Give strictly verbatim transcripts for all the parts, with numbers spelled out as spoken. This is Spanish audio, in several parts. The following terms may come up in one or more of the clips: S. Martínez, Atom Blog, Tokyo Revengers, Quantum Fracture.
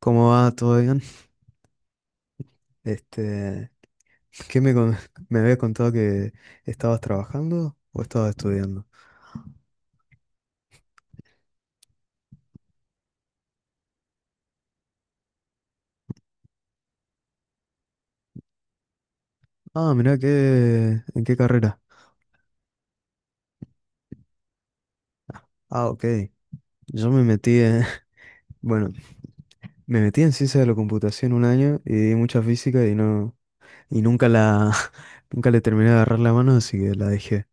¿Cómo va? ¿Todo bien? Este, ¿qué me, con- me habías contado que estabas trabajando o estabas estudiando? Ah, mirá, qué, ¿en qué carrera? Ah, ok. Yo me metí en, bueno, me metí en ciencia de la computación un año y di mucha física y no, y nunca la, nunca le terminé de agarrar la mano, así que la dejé.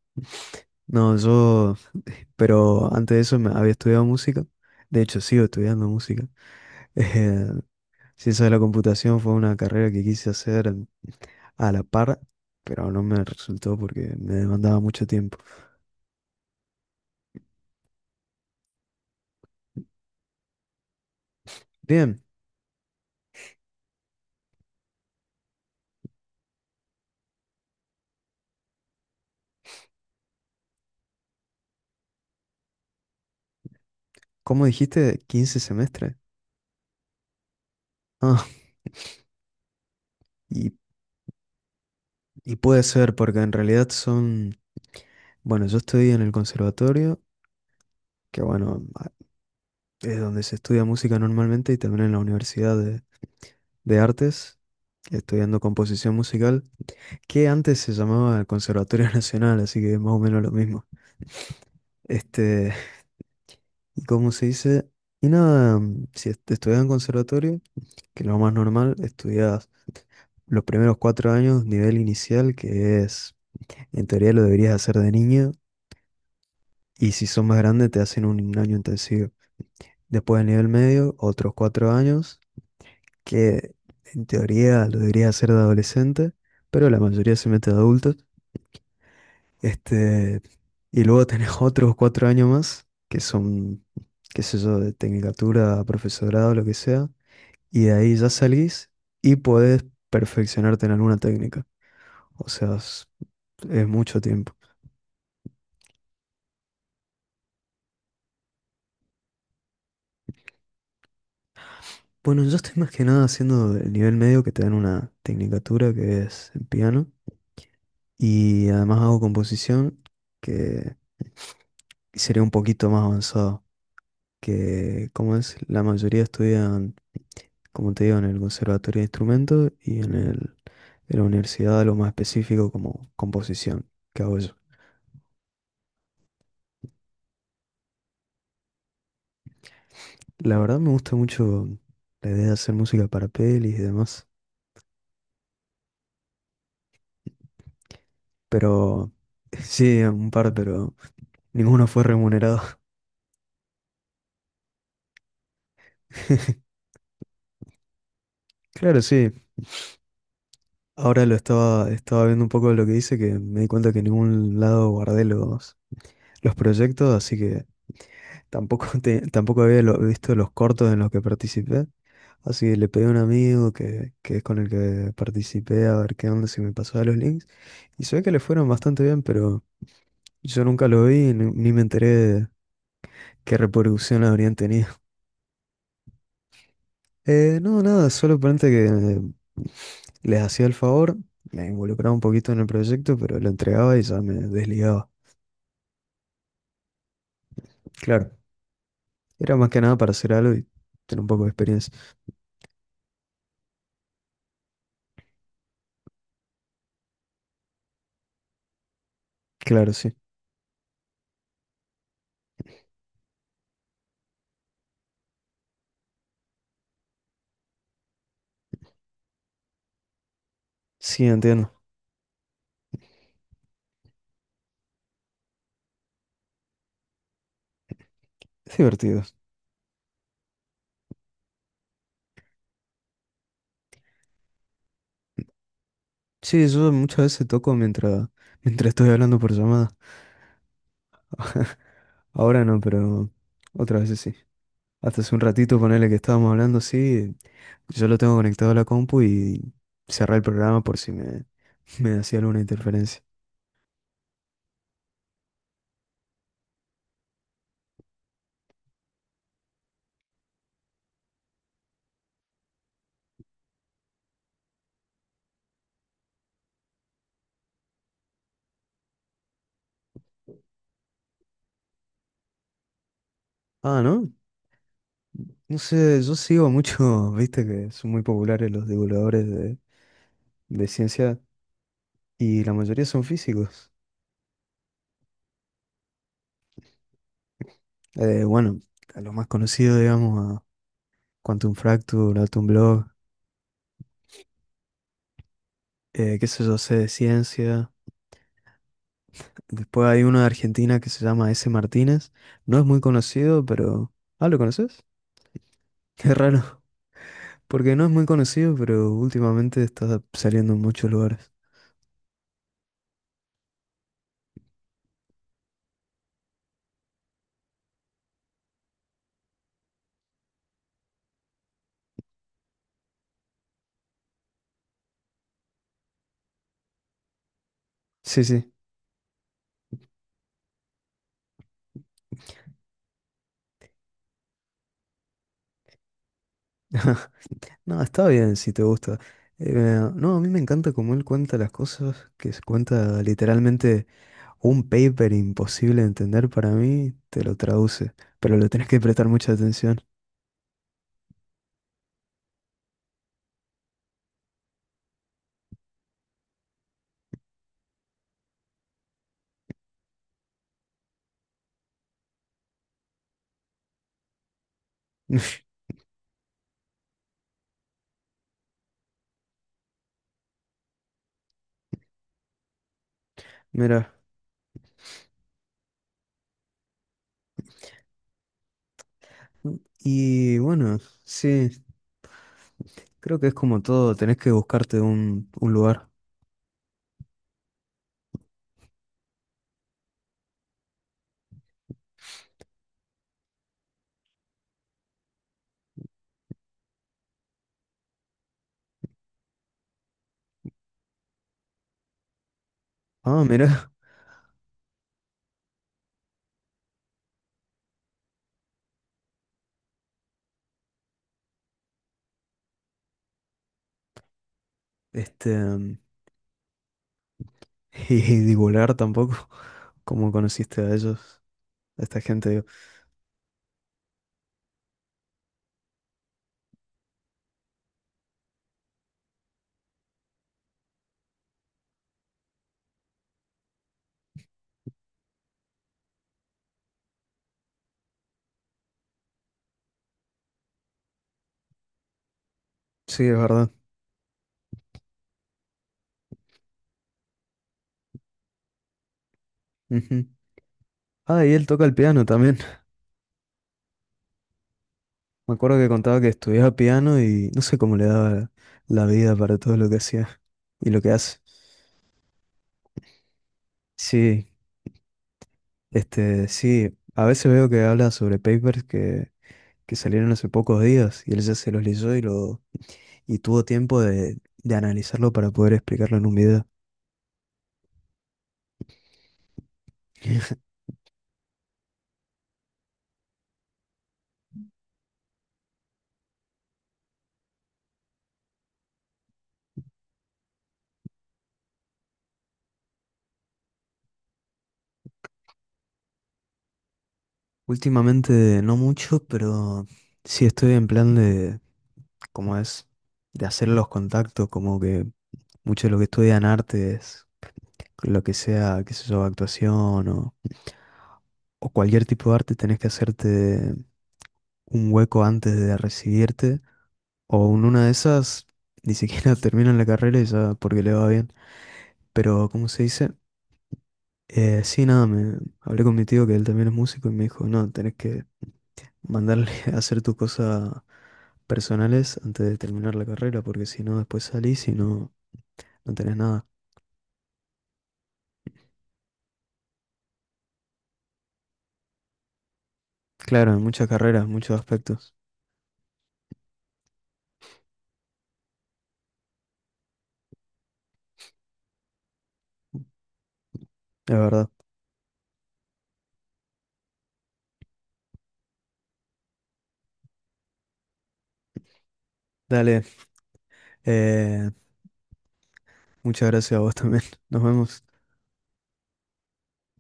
No, yo, eh, pero antes de eso me había estudiado música. De hecho, sigo estudiando música. Ciencia de la computación fue una carrera que quise hacer a la par, pero no me resultó porque me demandaba mucho tiempo. Bien, ¿cómo dijiste? ¿Quince semestres? Ah, y, y puede ser porque en realidad son... Bueno, yo estudié en el conservatorio, que bueno, a- es donde se estudia música normalmente, y también en la Universidad de, de Artes, estudiando composición musical, que antes se llamaba el Conservatorio Nacional, así que es más o menos lo mismo. Este, y como se dice, y nada, mm, si est- estudias en conservatorio, que lo más normal, estudias los primeros cuatro años, nivel inicial, que es, en teoría lo deberías hacer de niño, y si son más grandes te hacen un año intensivo. Después del nivel medio, otros cuatro años, que en teoría lo deberías hacer de adolescente, pero la mayoría se mete de adultos. Este, y luego tenés otros cuatro años más, que son, qué sé yo, de tecnicatura, profesorado, lo que sea, y de ahí ya salís y podés perfeccionarte en alguna técnica. O sea, es, es mucho tiempo. Bueno, yo estoy más que nada haciendo el nivel medio que te dan una tecnicatura que es en piano, y además hago composición que sería un poquito más avanzado, que como es, la mayoría estudian, como te digo, en el conservatorio de instrumentos y en el, en la universidad lo más específico como composición que hago yo. La verdad me gusta mucho la idea de hacer música para pelis y demás, pero sí, un par, pero ninguno fue remunerado. Claro, sí. Ahora lo estaba, estaba viendo un poco de lo que dice, que me di cuenta que en ningún lado guardé los, los proyectos, así que tampoco, te- tampoco había lo- visto los cortos en los que participé. Así que le pedí a un amigo que, que es con el que participé, a ver qué onda si me pasaba los links. Y se ve que le fueron bastante bien, pero yo nunca lo vi, ni, ni me enteré. ¿Qué reproducción habrían tenido? Eh, no, nada, solo ponente que eh, les hacía el favor, me involucraba un poquito en el proyecto, pero lo entregaba y ya me desligaba. Claro, era más que nada para hacer algo y tener un poco de experiencia. Claro, sí. Sí, entiendo. Es divertido. Sí, yo muchas veces toco mientras, mientras estoy hablando por llamada. Ahora no, pero otras veces sí. Hasta hace un ratito, ponele que estábamos hablando así, yo lo tengo conectado a la compu y cerré el programa por si me, me hacía alguna interferencia. Ah, ¿no? No sé, yo sigo mucho, viste que son muy populares los divulgadores de, de ciencia, y la mayoría son físicos. Eh, bueno, a lo más conocido, digamos, a Quantum Fracture, Atom Blog, eh, qué sé yo, sé de ciencia. Después hay uno de Argentina que se llama S. Martínez. No es muy conocido, pero... Ah, ¿lo conoces? Qué raro, porque no es muy conocido, pero últimamente está saliendo en muchos lugares. Sí, sí. No, está bien si te gusta. Eh, no, a mí me encanta cómo él cuenta las cosas, que se cuenta literalmente un paper imposible de entender para mí, te lo traduce, pero le tenés que prestar mucha atención. Mira, y bueno, sí, creo que es como todo, tenés que buscarte un, un lugar. Ah, mira, este, y divulgar tampoco, cómo conociste a ellos, a esta gente, digo. Sí, es verdad. Ujú. Ah, y él toca el piano también. Me acuerdo que contaba que estudiaba piano y no sé cómo le daba la vida para todo lo que hacía y lo que hace. Sí, este, sí, a veces veo que habla sobre papers que, que salieron hace pocos días y él ya se los leyó, y, lo, y tuvo tiempo de, de analizarlo para poder explicarlo en un video. Últimamente no mucho, pero sí estoy en plan de, ¿cómo es? De hacer los contactos, como que mucho de lo que estudian artes, lo que sea, qué sé yo, actuación o o cualquier tipo de arte, tenés que hacerte un hueco antes de recibirte, o en una de esas ni siquiera terminan la carrera y ya porque le va bien. Pero, ¿cómo se dice? Eh, sí, nada, me hablé con mi tío que él también es músico y me dijo, no, tenés que mandarle a hacer tus cosas personales antes de terminar la carrera, porque si no, después salís y no, no tenés nada. Claro, en muchas carreras, muchos aspectos, la verdad. Dale, eh, muchas gracias a vos también. Nos vemos.